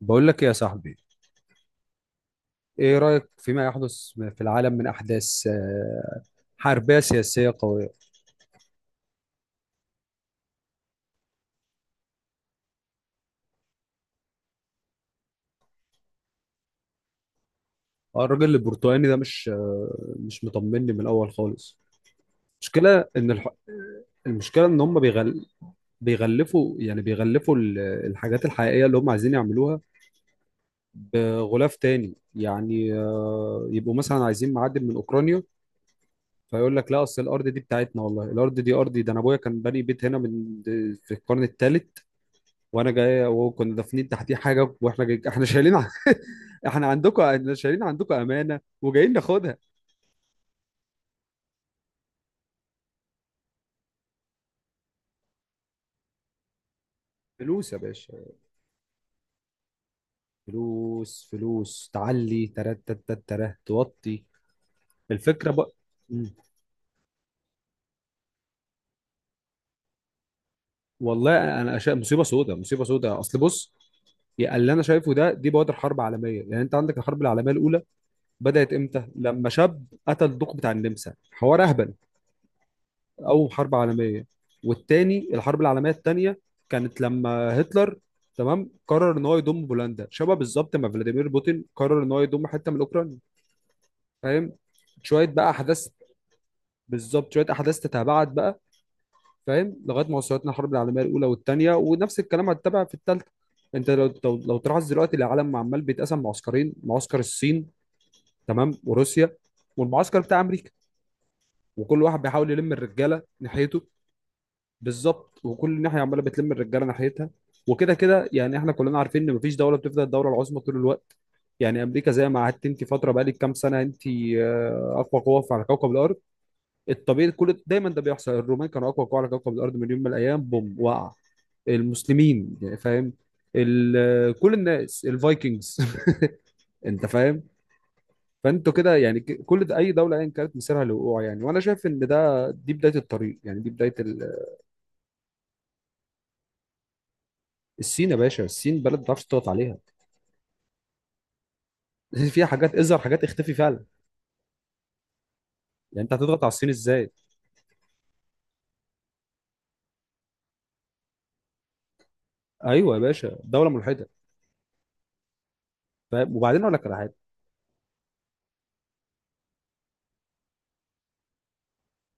بقول لك إيه يا صاحبي؟ ايه رأيك فيما يحدث في العالم من احداث حربية سياسية قوية؟ الراجل البرتقالي ده مش مطمني من الاول خالص. المشكلة ان الح... المشكلة ان هم بيغل... بيغلفوا الحاجات الحقيقية اللي هم عايزين يعملوها بغلاف تاني، يعني يبقوا مثلا عايزين معدن من اوكرانيا، فيقول لك لا، اصل الارض دي بتاعتنا، والله الارض دي ارضي، ده انا ابويا كان باني بيت هنا في القرن الثالث وانا جاي، وكنا دافنين تحتيه حاجه واحنا جاي، احنا شايلين احنا شايلين عندكم امانه وجايين ناخدها. فلوس يا باشا، فلوس فلوس، تعلي ترات ترات ترات ترات، توطي. الفكره بقى. مم. والله انا أشياء مصيبه سوداء، مصيبه سوداء، اصل بص، يا اللي انا شايفه دي بوادر حرب عالميه. يعني انت عندك الحرب العالميه الاولى بدات امتى؟ لما شاب قتل الدوق بتاع النمسا، حوار اهبل، او حرب عالميه. والتاني الحرب العالميه التانيه كانت لما هتلر، تمام، قرر ان هو يضم بولندا، شبه بالظبط ما فلاديمير بوتين قرر ان هو يضم حته من اوكرانيا. فاهم؟ شويه بقى احداث. بالظبط، شويه احداث تتابعت بقى. فاهم؟ لغايه ما وصلتنا الحرب العالميه الاولى والثانيه، ونفس الكلام هتتابع في الثالثه. انت لو تلاحظ دلوقتي العالم عمال بيتقسم معسكرين: معسكر الصين، تمام، وروسيا، والمعسكر بتاع امريكا، وكل واحد بيحاول يلم الرجاله ناحيته. بالظبط، وكل ناحيه عماله بتلم الرجاله ناحيتها. وكده كده يعني احنا كلنا عارفين ان مفيش دوله بتفضل الدوله العظمى طول الوقت. يعني امريكا زي ما قعدت انت فتره بقالك كام سنه، انت اقوى قوه على كوكب الارض. الطبيعي كل دايما ده بيحصل، الرومان كانوا اقوى قوه على كوكب الارض من يوم من الايام، بوم وقع المسلمين يعني، فاهم؟ كل الناس، الفايكنجز. انت فاهم؟ فانتوا كده يعني، كل ده اي دوله ايا كانت مسيرها للوقوع يعني، وانا شايف ان ده دي بدايه الطريق، يعني دي بدايه ال-. الصين يا باشا، الصين بلد ما تعرفش تضغط عليها، فيها حاجات اظهر حاجات اختفي فعلا. يعني انت هتضغط على الصين ازاي؟ ايوه يا باشا، دوله ملحده. فاهم؟ وبعدين اقول لك على حاجه،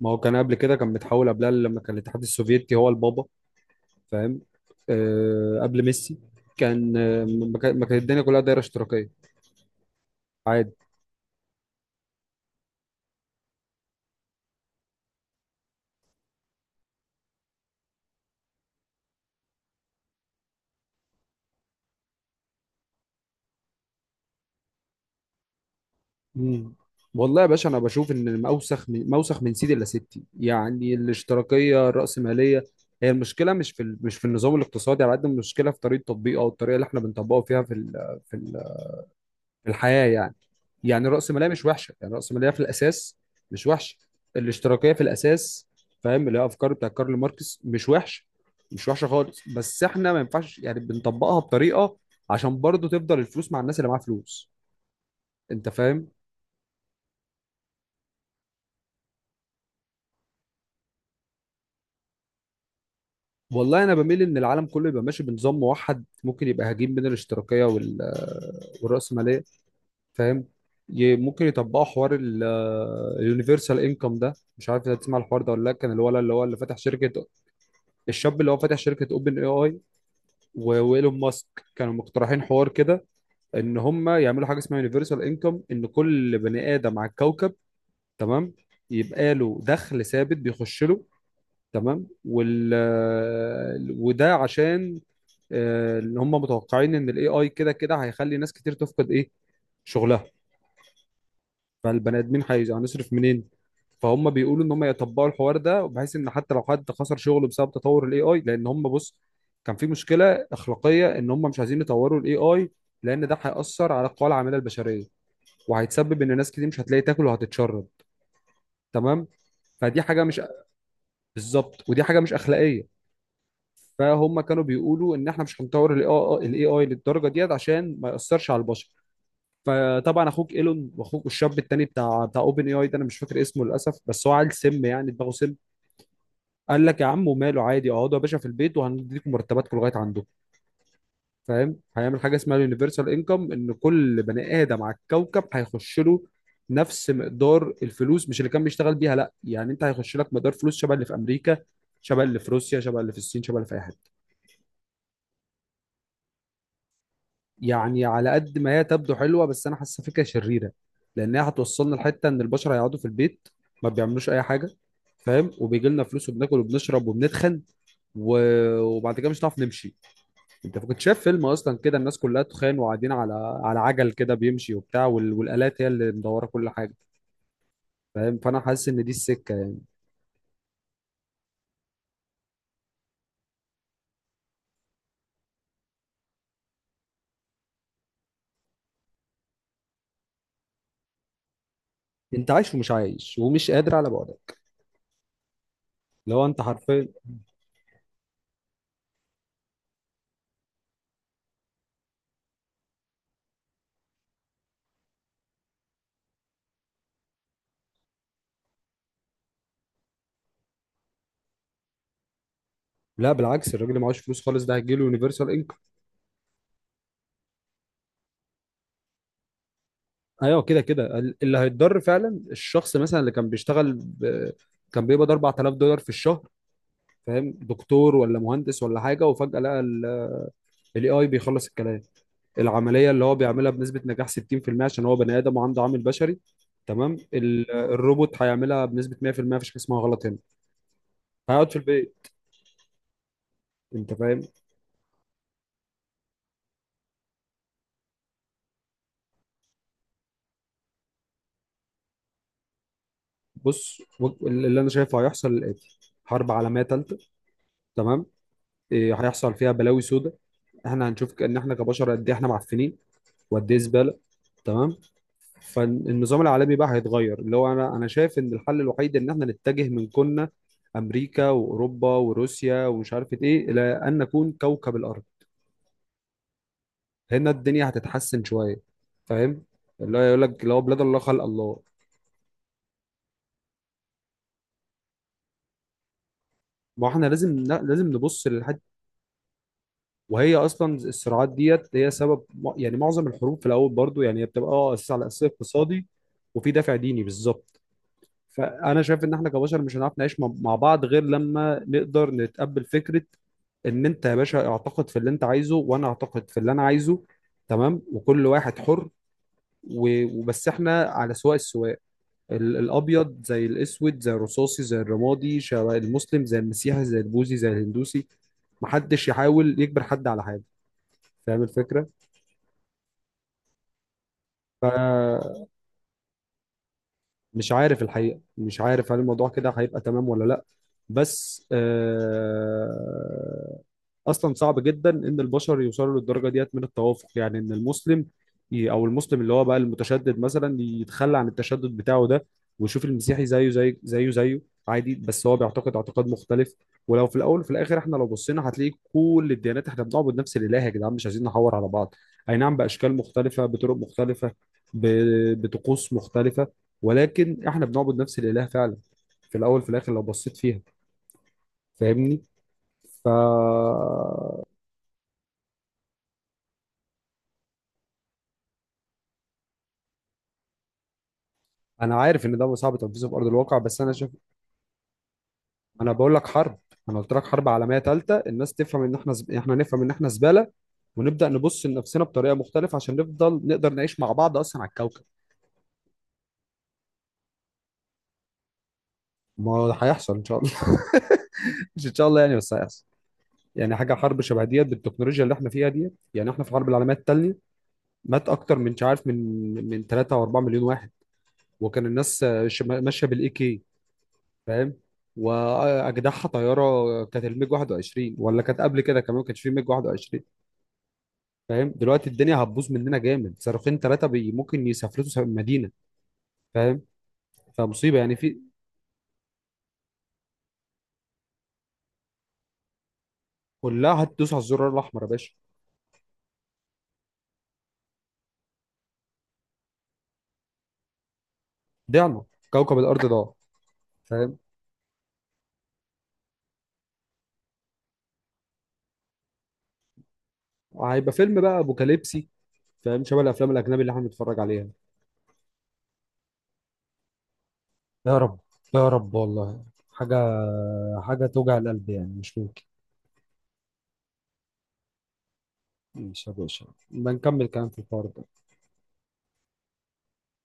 ما هو كان قبل كده كان متحول قبلها لما كان الاتحاد السوفيتي هو البابا. فاهم؟ آه، قبل ميسي كان، ما كانت الدنيا كلها دايره اشتراكيه عادي. مم. والله يا باشا انا بشوف ان، ما اوسخ من، ما اوسخ من سيدي الا ستي، يعني الاشتراكيه الراسماليه. هي المشكله مش في النظام الاقتصادي على قد ما المشكله في طريقه تطبيقه، او الطريقه اللي احنا بنطبقه فيها في الحياه يعني. يعني راس ماليه مش وحشه، يعني راس ماليه في الاساس مش وحشه. الاشتراكيه في الاساس، فاهم، اللي هي افكار بتاع كارل ماركس، مش وحشه، مش وحشه خالص، بس احنا ما ينفعش، يعني بنطبقها بطريقه عشان برضو تفضل الفلوس مع الناس اللي معاها فلوس. انت فاهم؟ والله انا بميل ان العالم كله يبقى ماشي بنظام موحد، ممكن يبقى هجين بين الاشتراكيه والراسماليه. فاهم؟ ممكن يطبقوا حوار اليونيفرسال انكم ده. مش عارف انت تسمع الحوار ده ولا لا. كان الولد اللي هو اللي فاتح شركه، الشاب اللي هو فاتح شركه اوبن اي اي، وايلون ماسك، كانوا مقترحين حوار كده ان هم يعملوا حاجه اسمها يونيفرسال انكم، ان كل بني ادم على الكوكب، تمام، يبقى له دخل ثابت بيخش له. تمام. وده عشان، اللي هم متوقعين ان الاي اي كده كده هيخلي ناس كتير تفقد ايه؟ شغلها. فالبني ادمين هنصرف منين؟ فهم بيقولوا ان هم يطبقوا الحوار ده بحيث ان حتى لو حد خسر شغله بسبب تطور الاي اي، لان هم بص، كان في مشكله اخلاقيه ان هم مش عايزين يطوروا الاي اي لان ده هيأثر على القوى العامله البشريه، وهيتسبب ان ناس كتير مش هتلاقي تاكل وهتتشرب. تمام. فدي حاجه مش، بالظبط، ودي حاجه مش اخلاقيه. فهم كانوا بيقولوا ان احنا مش هنطور الاي اي للدرجه ديت عشان ما يأثرش على البشر. فطبعا اخوك ايلون واخوك الشاب التاني بتاع اوبن اي اي ده، انا مش فاكر اسمه للاسف، بس هو عيل سم، يعني دماغه سم. قال لك يا عم وماله عادي، اقعدوا يا باشا في البيت وهنديكم مرتباتكم لغايه عندكم. فاهم؟ هيعمل حاجه اسمها اليونيفرسال انكم ان كل بني ادم على الكوكب هيخش له نفس مقدار الفلوس، مش اللي كان بيشتغل بيها لا، يعني انت هيخش لك مقدار فلوس شبه اللي في امريكا، شبه اللي في روسيا، شبه اللي في الصين، شبه اللي في اي حته. يعني على قد ما هي تبدو حلوه، بس انا حاسه فكره شريره، لان هي هتوصلنا لحته ان البشر هيقعدوا في البيت ما بيعملوش اي حاجه. فاهم؟ وبيجي لنا فلوس وبناكل وبنشرب وبنتخن و... وبعد كده مش هنعرف نمشي. انت كنت شايف فيلم اصلا كده، الناس كلها تخان وقاعدين على عجل كده بيمشي وبتاع، والالات هي اللي مدوره كل حاجه. فاهم؟ فانا حاسس ان دي السكه يعني. انت عايش ومش عايش ومش قادر على بعدك لو انت حرفيا. لا بالعكس، الراجل اللي معهوش فلوس خالص ده هيجيله يونيفرسال. ايوه كده كده، اللي هيتضر فعلا الشخص مثلا اللي كان بيشتغل كان بيقبض 4000 دولار في الشهر. فاهم؟ دكتور ولا مهندس ولا حاجه، وفجاه لقى الاي اي بيخلص الكلام، العمليه اللي هو بيعملها بنسبه نجاح 60% عشان هو بني ادم وعنده عامل بشري، تمام، الروبوت هيعملها بنسبه 100%. مفيش حاجه اسمها غلط هنا. هيقعد في البيت. انت فاهم؟ بص، اللي انا شايفه هيحصل الاتي: حرب عالميه ثالثه، تمام، إيه، هيحصل فيها بلاوي سوداء. احنا هنشوف ان احنا كبشر قد ايه احنا معفنين، وقد ايه زباله. تمام. فالنظام العالمي بقى هيتغير، اللي هو انا شايف ان الحل الوحيد ان احنا نتجه من كنا امريكا واوروبا وروسيا ومش عارف ايه، الى ان نكون كوكب الارض. هنا الدنيا هتتحسن شويه. فاهم؟ اللي هو يقول لك لو، بلاد الله خلق الله. ما احنا لازم لازم نبص للحد، وهي اصلا الصراعات ديت هي سبب. يعني معظم الحروب في الاول برضو، يعني هي بتبقى اساس، على اساس اقتصادي، وفي دافع ديني بالظبط. فانا شايف ان احنا كبشر مش هنعرف نعيش مع بعض غير لما نقدر نتقبل فكره ان انت يا باشا اعتقد في اللي انت عايزه، وانا اعتقد في اللي انا عايزه. تمام، وكل واحد حر، وبس احنا على سواء السواء، الابيض زي الاسود زي الرصاصي زي الرمادي، شبه المسلم زي المسيحي زي البوذي زي الهندوسي، محدش يحاول يجبر حد على حاجه. فاهم الفكره؟ مش عارف الحقيقة، مش عارف هل الموضوع كده هيبقى تمام ولا لا. بس آه، أصلا صعب جدا إن البشر يوصلوا للدرجة ديت من التوافق، يعني إن المسلم أو المسلم اللي هو بقى المتشدد مثلا يتخلى عن التشدد بتاعه ده، ويشوف المسيحي زيه زي زيه زيه عادي، بس هو بيعتقد اعتقاد مختلف. ولو في الأول وفي الآخر إحنا لو بصينا هتلاقي كل الديانات إحنا بنعبد نفس الإله. يا جدعان، مش عايزين نحور على بعض. أي نعم، بأشكال مختلفة، بطرق مختلفة، بطقوس مختلفة، ولكن احنا بنعبد نفس الاله فعلا في الاول في الاخر لو بصيت فيها. فاهمني؟ ف، انا عارف ان ده صعب تنفيذه في ارض الواقع، بس انا شايف، انا بقول لك حرب، انا قلت لك حرب عالميه ثالثه الناس تفهم ان احنا، احنا نفهم ان احنا زباله، ونبدا نبص لنفسنا بطريقه مختلفه عشان نفضل نقدر نعيش مع بعض اصلا على الكوكب. ما هو هيحصل ان شاء الله. مش ان شاء الله يعني، بس هيحصل. يعني حاجه حرب شبه ديت بالتكنولوجيا اللي احنا فيها ديت، يعني احنا في الحرب العالميه الثانيه مات اكتر من، مش عارف من 3 او 4 مليون واحد. وكان الناس ماشيه بالاي كي. فاهم؟ واجدعها طياره كانت الميج 21، ولا كانت قبل كده كمان، ما كانش في ميج 21. فاهم؟ دلوقتي الدنيا هتبوظ مننا جامد، صاروخين ثلاثه بي ممكن يسافرتوا مدينه. فاهم؟ فمصيبه، يعني في، كلها هتدوس على الزرار الاحمر يا باشا. ضعنا، كوكب الارض ضاع. فاهم؟ هيبقى فيلم بقى ابوكاليبسي. فاهم؟ شبه الافلام الاجنبي اللي احنا بنتفرج عليها. يا رب، يا رب والله. حاجة، حاجة توجع القلب يعني، مش ممكن. ماشي يا باشا، بنكمل كلام في الحوار ده.